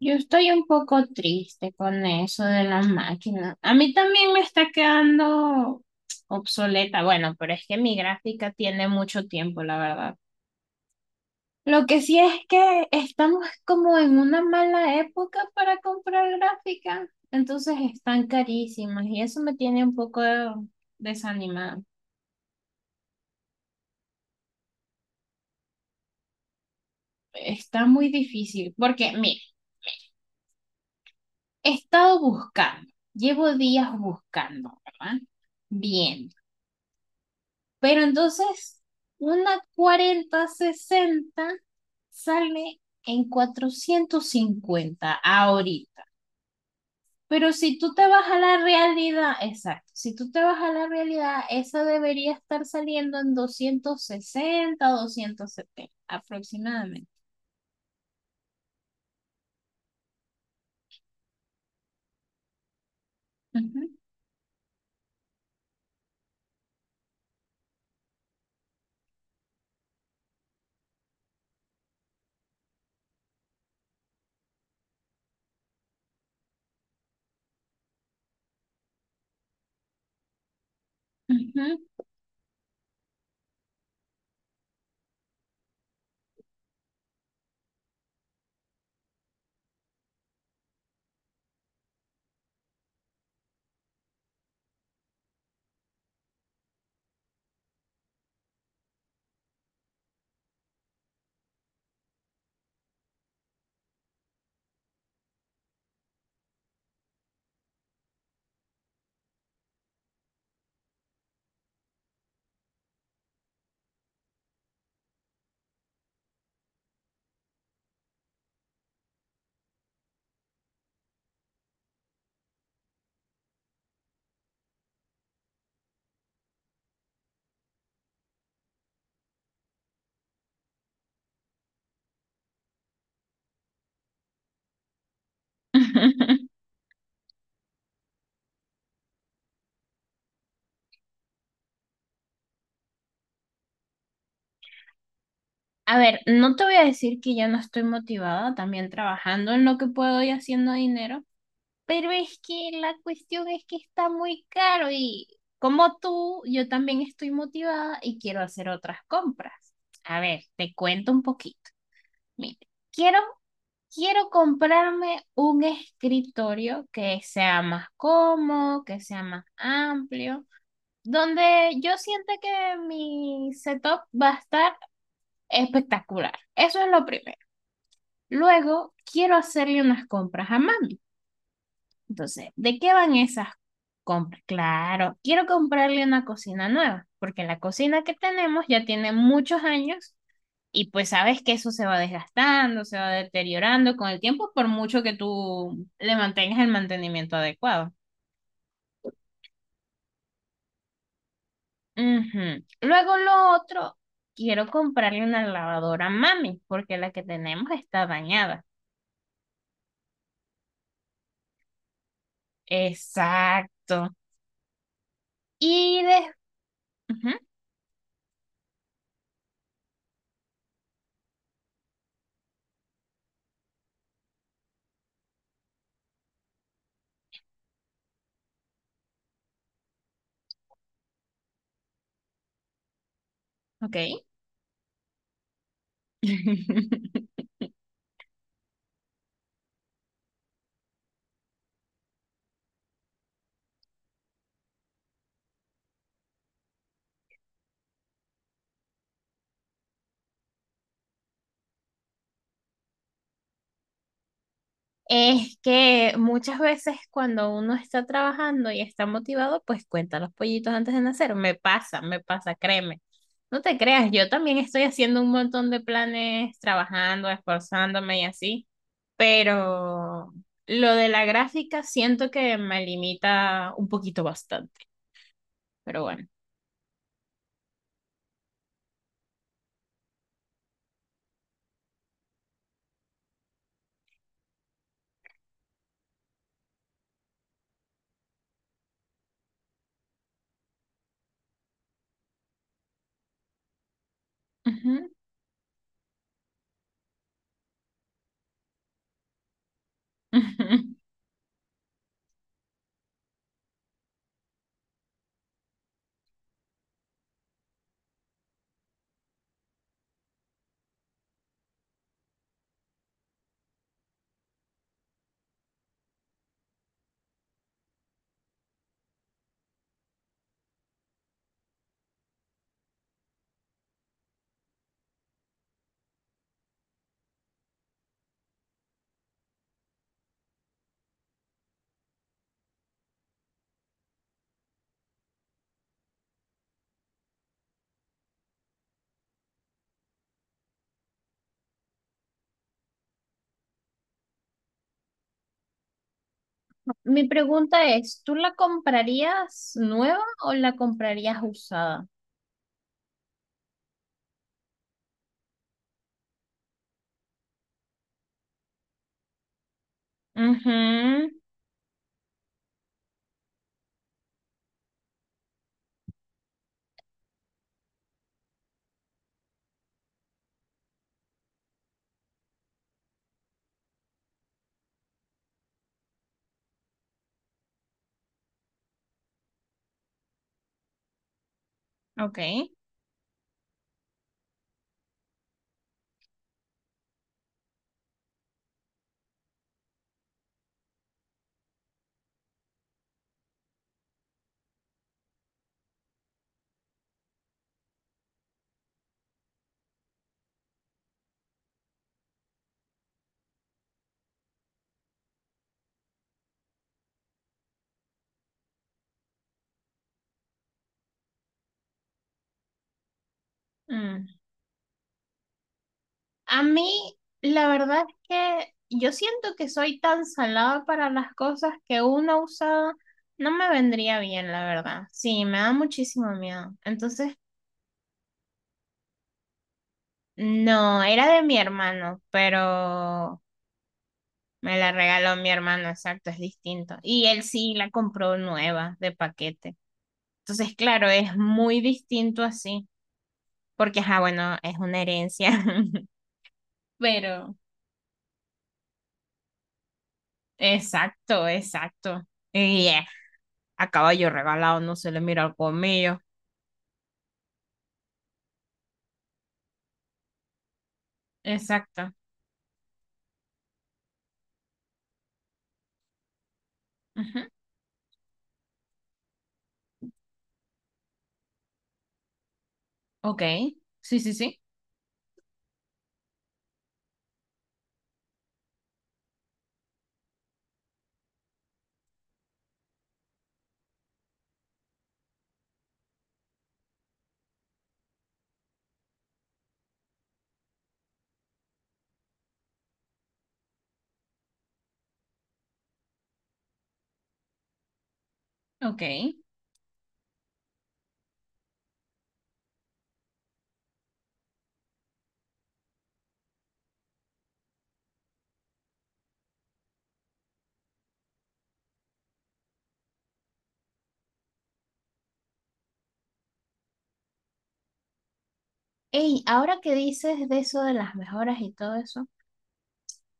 Yo estoy un poco triste con eso de las máquinas. A mí también me está quedando obsoleta. Bueno, pero es que mi gráfica tiene mucho tiempo, la verdad. Lo que sí es que estamos como en una mala época para comprar gráfica. Entonces están carísimas y eso me tiene un poco desanimada. Está muy difícil porque, mire, he estado buscando, llevo días buscando, ¿verdad? Bien. Pero entonces, una 40 sesenta sale en 450 ahorita. Pero si tú te vas a la realidad, exacto, si tú te vas a la realidad, esa debería estar saliendo en 260 270 aproximadamente. Ujú, ujú. A ver, no te voy a decir que ya no estoy motivada, también trabajando en lo que puedo y haciendo dinero, pero es que la cuestión es que está muy caro y, como tú, yo también estoy motivada y quiero hacer otras compras. A ver, te cuento un poquito. Mira, quiero, quiero comprarme un escritorio que sea más cómodo, que sea más amplio, donde yo sienta que mi setup va a estar espectacular. Eso es lo primero. Luego, quiero hacerle unas compras a mami. Entonces, ¿de qué van esas compras? Claro, quiero comprarle una cocina nueva, porque la cocina que tenemos ya tiene muchos años y pues sabes que eso se va desgastando, se va deteriorando con el tiempo, por mucho que tú le mantengas el mantenimiento adecuado. Ujú. Luego lo otro, quiero comprarle una lavadora a mami, porque la que tenemos está dañada. Exacto. Y de... Ujú. Ok. Es que muchas veces, cuando uno está trabajando y está motivado, pues cuenta los pollitos antes de nacer. Me pasa, créeme. No te creas, yo también estoy haciendo un montón de planes, trabajando, esforzándome y así, pero lo de la gráfica siento que me limita un poquito bastante, pero bueno. Ujú. Mi pregunta es, ¿tú la comprarías nueva o la comprarías usada? Ujú. Ok. Mm. A mí, la verdad es que yo siento que soy tan salada para las cosas que una usada no me vendría bien, la verdad. Sí, me da muchísimo miedo. Entonces, no, era de mi hermano, pero me la regaló mi hermano, exacto, es distinto. Y él sí la compró nueva, de paquete. Entonces, claro, es muy distinto así, porque, ah, bueno, es una herencia, pero, exacto, exacto. Y es: a caballo regalado no se le mira el colmillo. Exacto. Ujú. Ok. Sí, sí, sí. Ok. Ey, ahora que dices de eso de las mejoras y todo eso,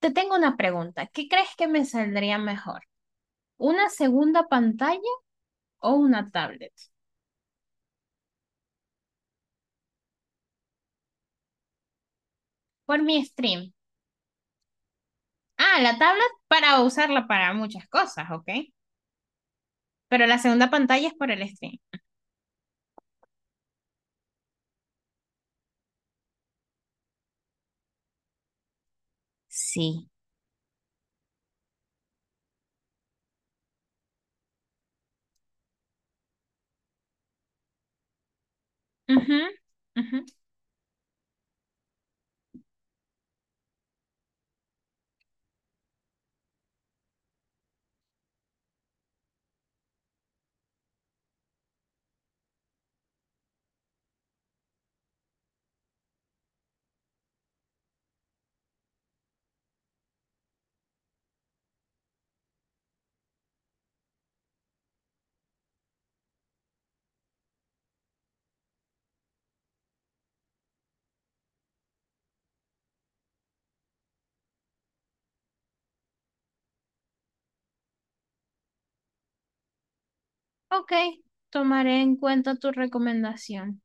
te tengo una pregunta. ¿Qué crees que me saldría mejor? ¿Una segunda pantalla o una tablet? Por mi stream. Ah, la tablet para usarla para muchas cosas, ok. Pero la segunda pantalla es por el stream. Sí. Ujú, ujú. Ok, tomaré en cuenta tu recomendación.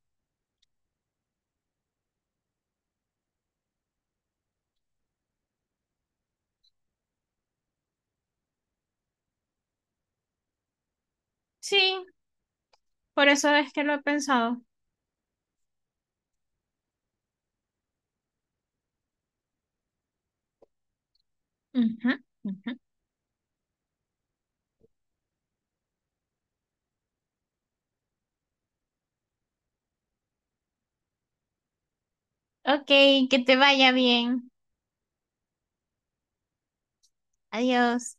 Sí, por eso es que lo he pensado. Ujú, ujú. Ok, que te vaya bien. Adiós.